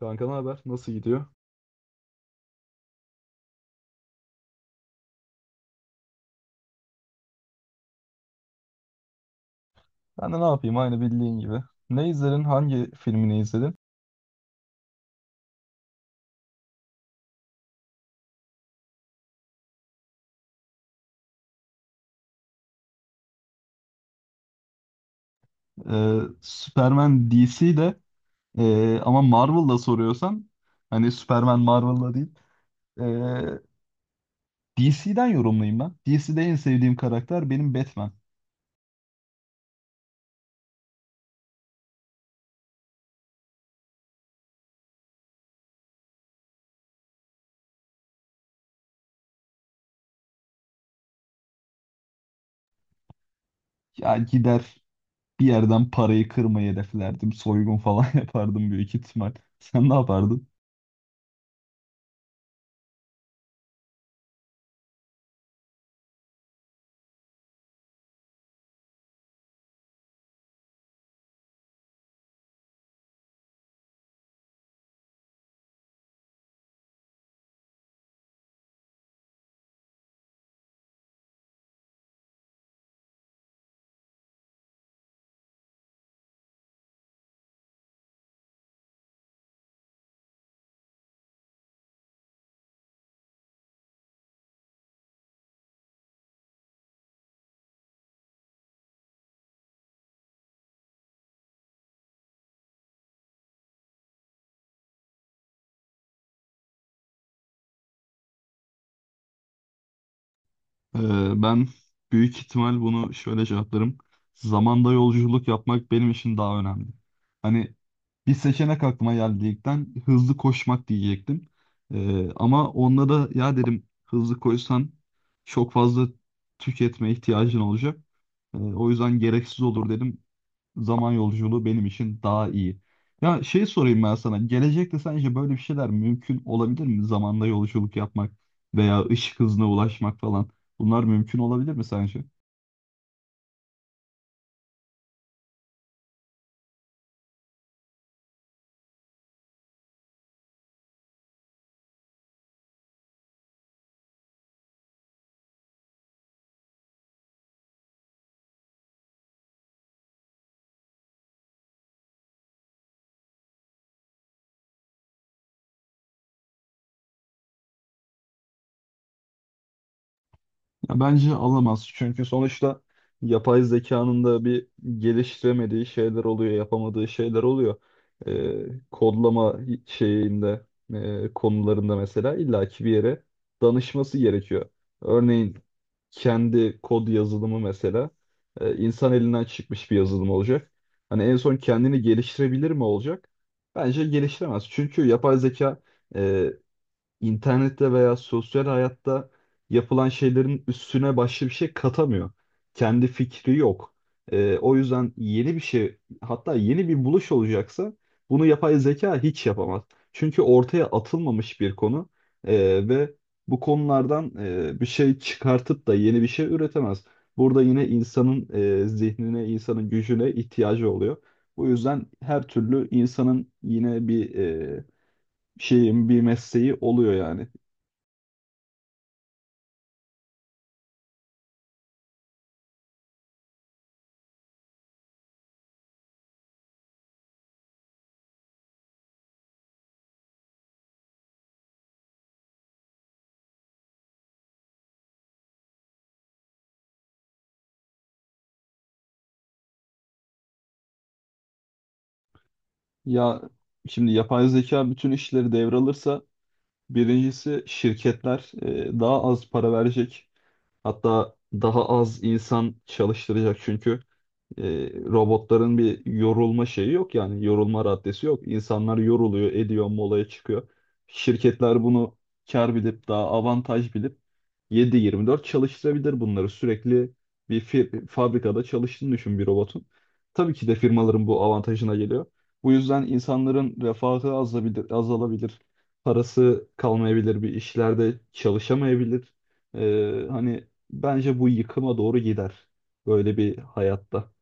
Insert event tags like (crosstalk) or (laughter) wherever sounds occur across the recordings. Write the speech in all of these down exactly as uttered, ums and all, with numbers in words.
Kanka ne haber? Nasıl gidiyor? Ben de ne yapayım aynı bildiğin gibi. Ne izledin? Hangi filmini izledin? Ee, Superman D C'de ee, ama Marvel'da soruyorsan hani Superman Marvel'da değil. Ee, D C'den yorumlayayım ben. D C'de en sevdiğim karakter benim Batman. Ya gider bir yerden parayı kırmayı hedeflerdim. Soygun falan (laughs) yapardım büyük ihtimal. Sen ne yapardın? Ee, ben büyük ihtimal bunu şöyle cevaplarım. Zamanda yolculuk yapmak benim için daha önemli. Hani bir seçenek aklıma geldiğinden hızlı koşmak diyecektim. Ee, ama onda da ya dedim hızlı koşsan çok fazla tüketme ihtiyacın olacak. Ee, o yüzden gereksiz olur dedim. Zaman yolculuğu benim için daha iyi. Ya şey sorayım ben sana. Gelecekte sence böyle bir şeyler mümkün olabilir mi? Zamanda yolculuk yapmak veya ışık hızına ulaşmak falan. Bunlar mümkün olabilir mi sence? Ya bence alamaz. Çünkü sonuçta yapay zekanın da bir geliştiremediği şeyler oluyor, yapamadığı şeyler oluyor. Ee, kodlama şeyinde, e, konularında mesela illaki bir yere danışması gerekiyor. Örneğin kendi kod yazılımı mesela e, insan elinden çıkmış bir yazılım olacak. Hani en son kendini geliştirebilir mi olacak? Bence geliştiremez. Çünkü yapay zeka e, internette veya sosyal hayatta yapılan şeylerin üstüne başka bir şey katamıyor. Kendi fikri yok. Ee, o yüzden yeni bir şey, hatta yeni bir buluş olacaksa bunu yapay zeka hiç yapamaz. Çünkü ortaya atılmamış bir konu ee, ve bu konulardan e, bir şey çıkartıp da yeni bir şey üretemez. Burada yine insanın e, zihnine, insanın gücüne ihtiyacı oluyor. Bu yüzden her türlü insanın yine bir e, şeyin, bir mesleği oluyor yani. Ya şimdi yapay zeka bütün işleri devralırsa birincisi şirketler e, daha az para verecek. Hatta daha az insan çalıştıracak çünkü. E, robotların bir yorulma şeyi yok yani yorulma raddesi yok. İnsanlar yoruluyor, ediyor, molaya çıkıyor. Şirketler bunu kar bilip daha avantaj bilip yedi yirmi dört çalıştırabilir bunları. Sürekli bir fir- fabrikada çalıştığını düşün bir robotun. Tabii ki de firmaların bu avantajına geliyor. Bu yüzden insanların refahı azalabilir, azalabilir. Parası kalmayabilir, bir işlerde çalışamayabilir. E, hani bence bu yıkıma doğru gider böyle bir hayatta.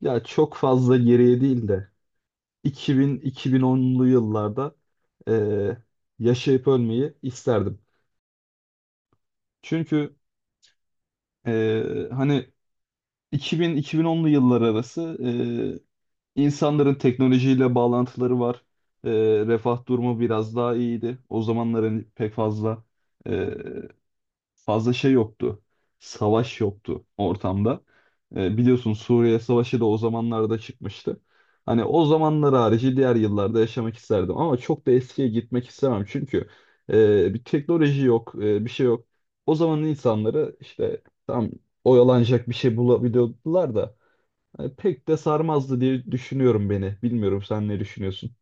Ya çok fazla geriye değil de iki bin iki bin onlu yıllarda eee, yaşayıp ölmeyi isterdim. Çünkü eee, hani iki bin iki bin onlu yıllar arası eee, insanların teknolojiyle bağlantıları var. Eee, refah durumu biraz daha iyiydi. O zamanların pek fazla fazla şey yoktu. Savaş yoktu ortamda. E, biliyorsun Suriye Savaşı da o zamanlarda çıkmıştı. Hani o zamanlar harici diğer yıllarda yaşamak isterdim ama çok da eskiye gitmek istemem çünkü e, bir teknoloji yok, e, bir şey yok. O zamanın insanları işte tam oyalanacak bir şey bulabiliyordular da hani pek de sarmazdı diye düşünüyorum beni. Bilmiyorum sen ne düşünüyorsun?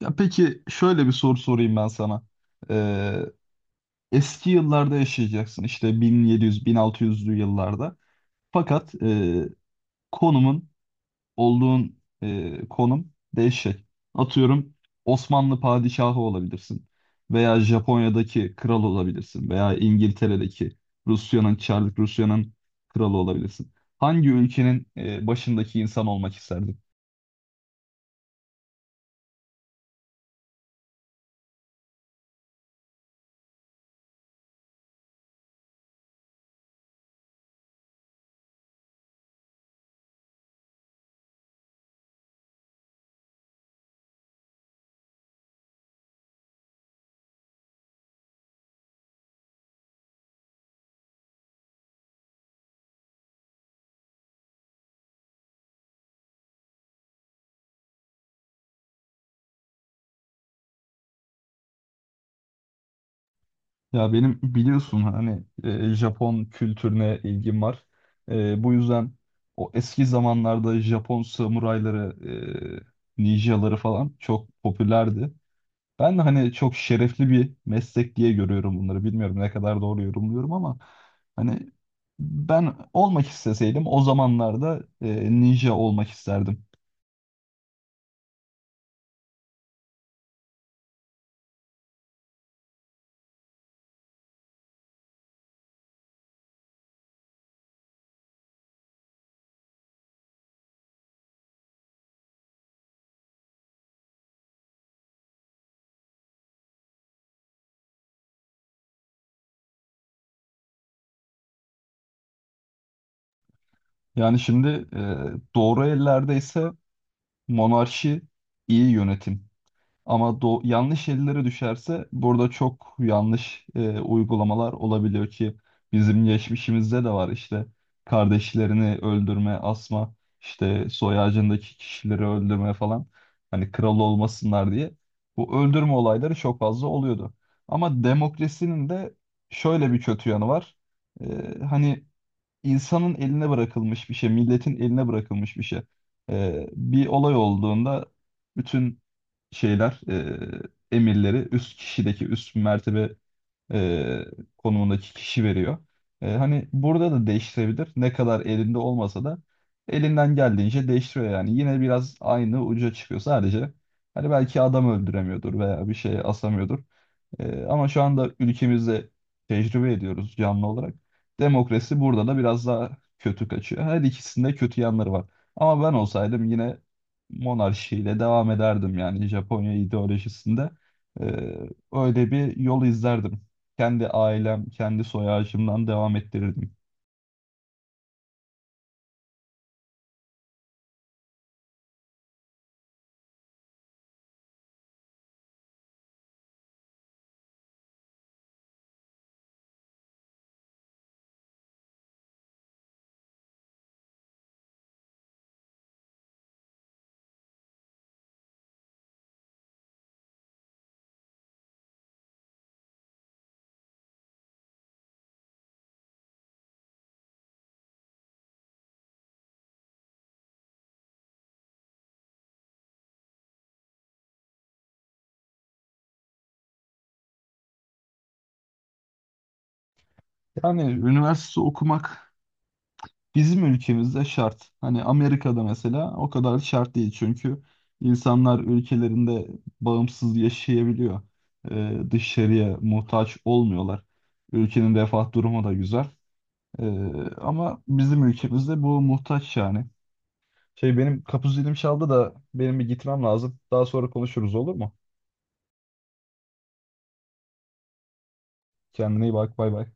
Ya peki şöyle bir soru sorayım ben sana. Eski yıllarda yaşayacaksın işte bin yedi yüz bin altı yüzlü yıllarda. Fakat e, konumun olduğun e, konum değişecek. Atıyorum Osmanlı padişahı olabilirsin veya Japonya'daki kral olabilirsin veya İngiltere'deki Rusya'nın Çarlık Rusya'nın kralı olabilirsin. Hangi ülkenin e, başındaki insan olmak isterdin? Ya benim biliyorsun hani e, Japon kültürüne ilgim var. E, bu yüzden o eski zamanlarda Japon samurayları, e, ninjaları falan çok popülerdi. Ben de hani çok şerefli bir meslek diye görüyorum bunları. Bilmiyorum ne kadar doğru yorumluyorum ama hani ben olmak isteseydim o zamanlarda e, ninja olmak isterdim. Yani şimdi e, doğru ellerde ise monarşi iyi yönetim. Ama do yanlış ellere düşerse burada çok yanlış e, uygulamalar olabiliyor ki bizim geçmişimizde de var işte kardeşlerini öldürme, asma, işte soy ağacındaki kişileri öldürme falan. Hani kral olmasınlar diye bu öldürme olayları çok fazla oluyordu. Ama demokrasinin de şöyle bir kötü yanı var. E, hani insanın eline bırakılmış bir şey, milletin eline bırakılmış bir şey. Ee, bir olay olduğunda bütün şeyler, e, emirleri üst kişideki üst mertebe e, konumundaki kişi veriyor. E, hani burada da değiştirebilir. Ne kadar elinde olmasa da elinden geldiğince değiştiriyor yani. Yine biraz aynı uca çıkıyor sadece. Hani belki adam öldüremiyordur veya bir şey asamıyordur. Ee, ama şu anda ülkemizde tecrübe ediyoruz canlı olarak. Demokrasi burada da biraz daha kötü kaçıyor. Her ikisinde kötü yanları var. Ama ben olsaydım yine monarşiyle devam ederdim yani Japonya ideolojisinde. Ee, öyle bir yol izlerdim. Kendi ailem, kendi soy ağacımdan devam ettirirdim. Yani üniversite okumak bizim ülkemizde şart. Hani Amerika'da mesela o kadar şart değil çünkü insanlar ülkelerinde bağımsız yaşayabiliyor. Ee, dışarıya muhtaç olmuyorlar. Ülkenin refah durumu da güzel. Ee, ama bizim ülkemizde bu muhtaç yani. Şey benim kapı zilim çaldı da benim bir gitmem lazım. Daha sonra konuşuruz olur mu? Kendine iyi bak, bay bay.